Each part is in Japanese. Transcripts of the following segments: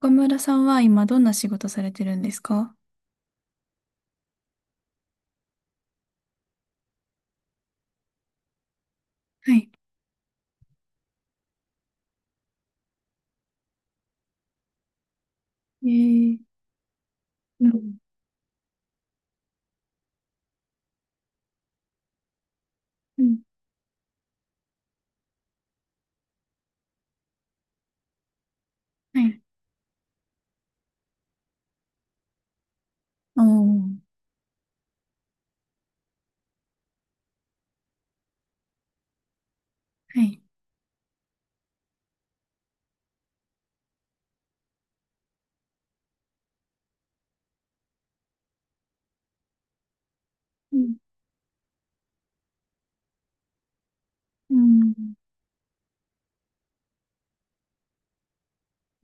岡村さんは今どんな仕事されてるんですか？はい。えー、うん、うん、はい。おー、はい。うん、うん、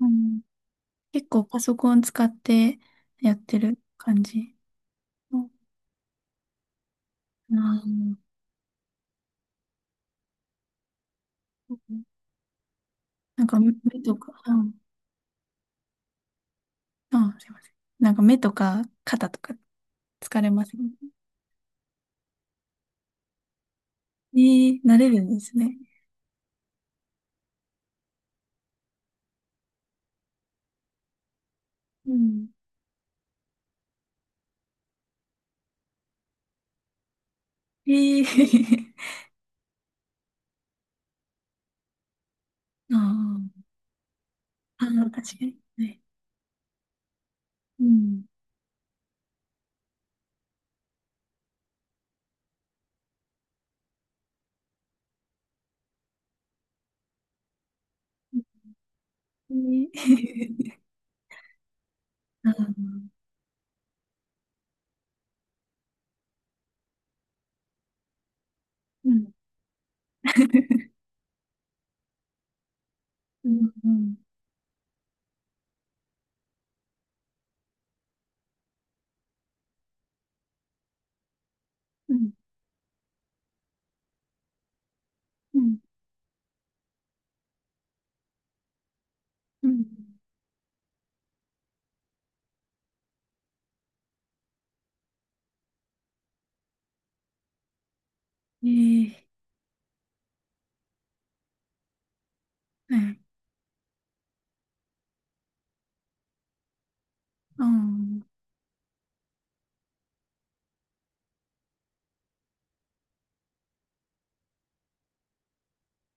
うん。結構パソコン使ってやってる感じ？うん。あー。なんか目とか、うん、あ、すいません。なんか目とか肩とか疲れません？えー、慣れるんですね。うん。えー、あー。あー、確かに。はい。うん。えー。 あー。うん、うん、うん、うん、うん、うん。ええ、はい。あ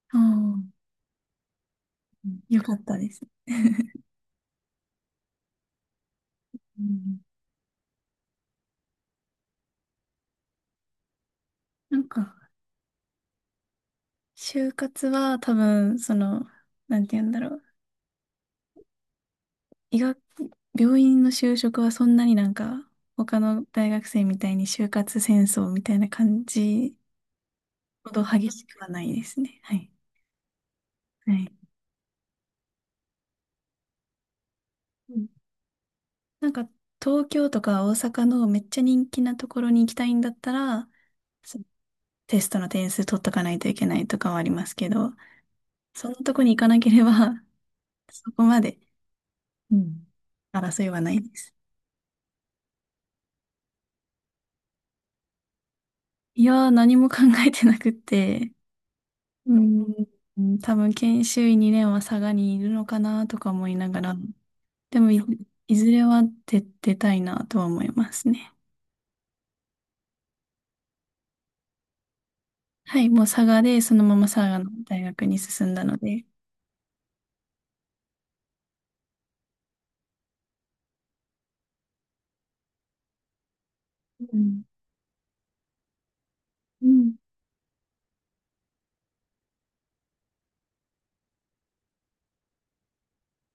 あ、ああ、よかったです。うん。なんか、就活は多分、その、なんて言うんだろう。医学、病院の就職はそんなになんか、他の大学生みたいに就活戦争みたいな感じほど激しくはないですね。はい。はい。うん。なんか、東京とか大阪のめっちゃ人気なところに行きたいんだったら、そう、テストの点数取っとかないといけないとかはありますけど、そんなとこに行かなければ、そこまで、うん、争いはないです。いやー、何も考えてなくって、うん、うん、多分研修医2年は佐賀にいるのかなとか思いながら、でもい、いずれは出たいなとは思いますね。はい、もう佐賀で、そのまま佐賀の大学に進んだので、うん。うん。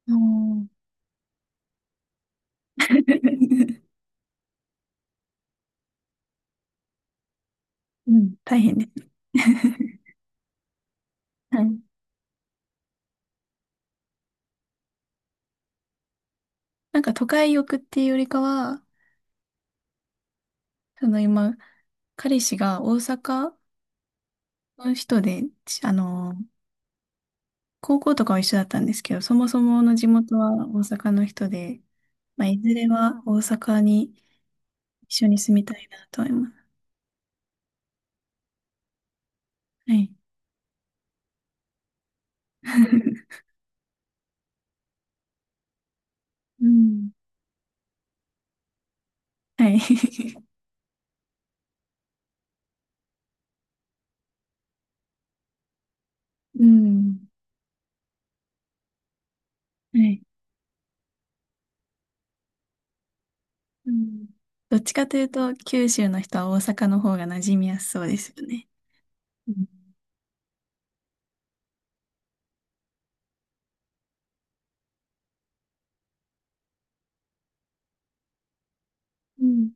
おー。 うん。大変です。はい。なんか都会欲っていうよりかは、その今、彼氏が大阪の人で、ちあの、高校とかは一緒だったんですけど、そもそもの地元は大阪の人で、まあ、いずれは大阪に一緒に住みたいなと思います。はい。うん。はい。うん。はい。うん。どっちかというと、九州の人は大阪の方が馴染みやすそうですよね。うん。うん。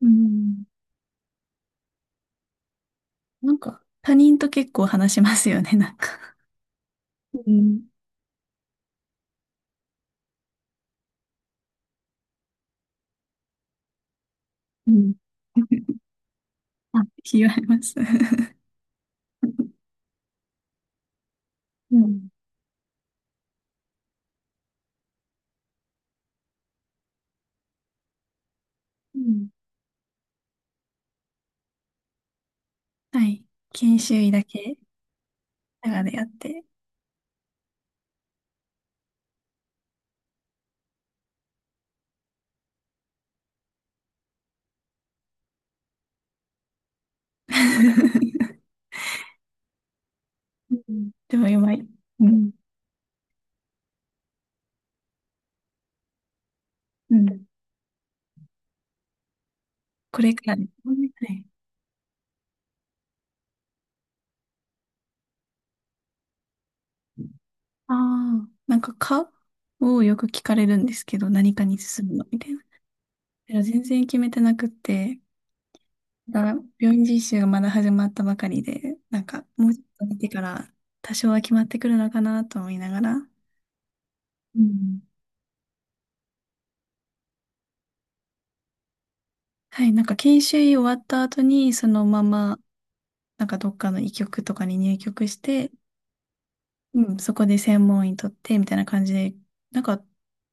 うん。なんか、他人と結構話しますよね。うん。うん。あ、違います。うん。うん。はい。研修医だけ、長でやって。うん。でも今、うん、うん、これからね。はい。ああ、なんか、かをよく聞かれるんですけど、何かに進むのみたいな。でも全然決めてなくって、だから病院実習がまだ始まったばかりで、なんか、もうちょっと見てから、多少は決まってくるのかなと思いながら、うん。はい、なんか研修医終わった後に、そのまま、なんかどっかの医局とかに入局して、うん、そこで専門医取って、みたいな感じで、なんか、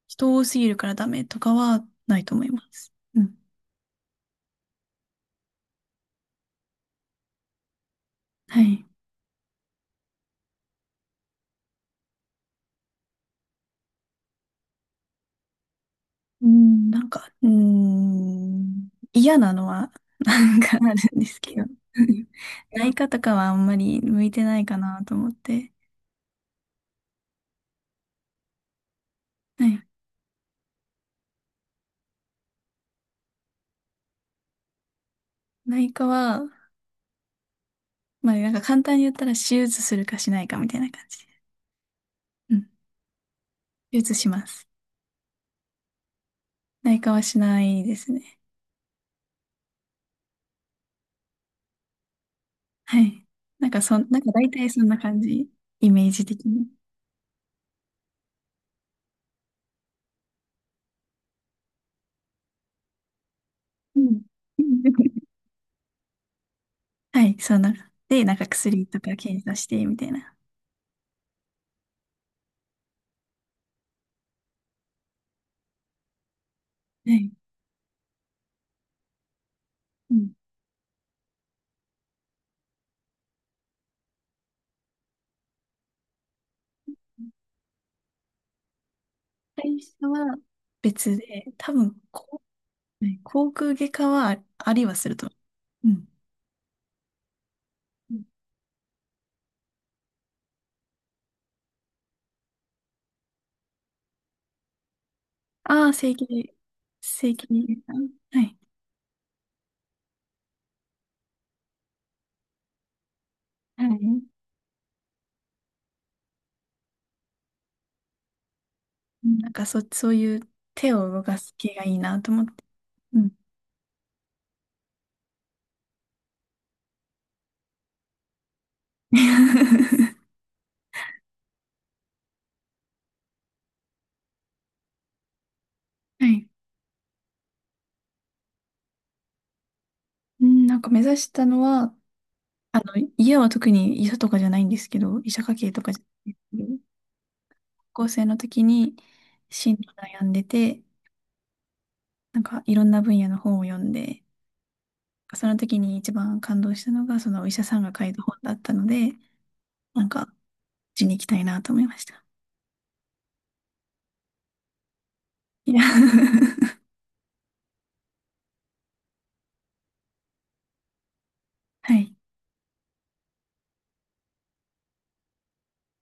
人多すぎるからダメとかはないと思います。うん。はい。うん、なんか、うん、嫌なのは、 なんかあるんですけど、内科とかはあんまり向いてないかなと思って、はい。内科は、まあなんか簡単に言ったら手術するかしないかみたいな感じで。うん。手術します。内科はしないですね。はい。なんかそん、なんか大体そんな感じ。イメージ的に。うん。はい、そんな。で、なんか薬とか検査して、みたいな。はい。うん。会社は別で、多分、はい、口腔外科はあありはすると。うん。ああー、整形外科。はい。はい。うん。そういう手を動かす系がいいなと思って。うん。はい。うん、なんか目指したのは、あの、家は特に医者とかじゃないんですけど、医者家系とかじゃないんですけど、高校生の時に進路悩んでて、なんかいろんな分野の本を読んで、その時に一番感動したのが、そのお医者さんが書いた本だったので、なんか、うちに行きたいなと思いました。いや。 はい。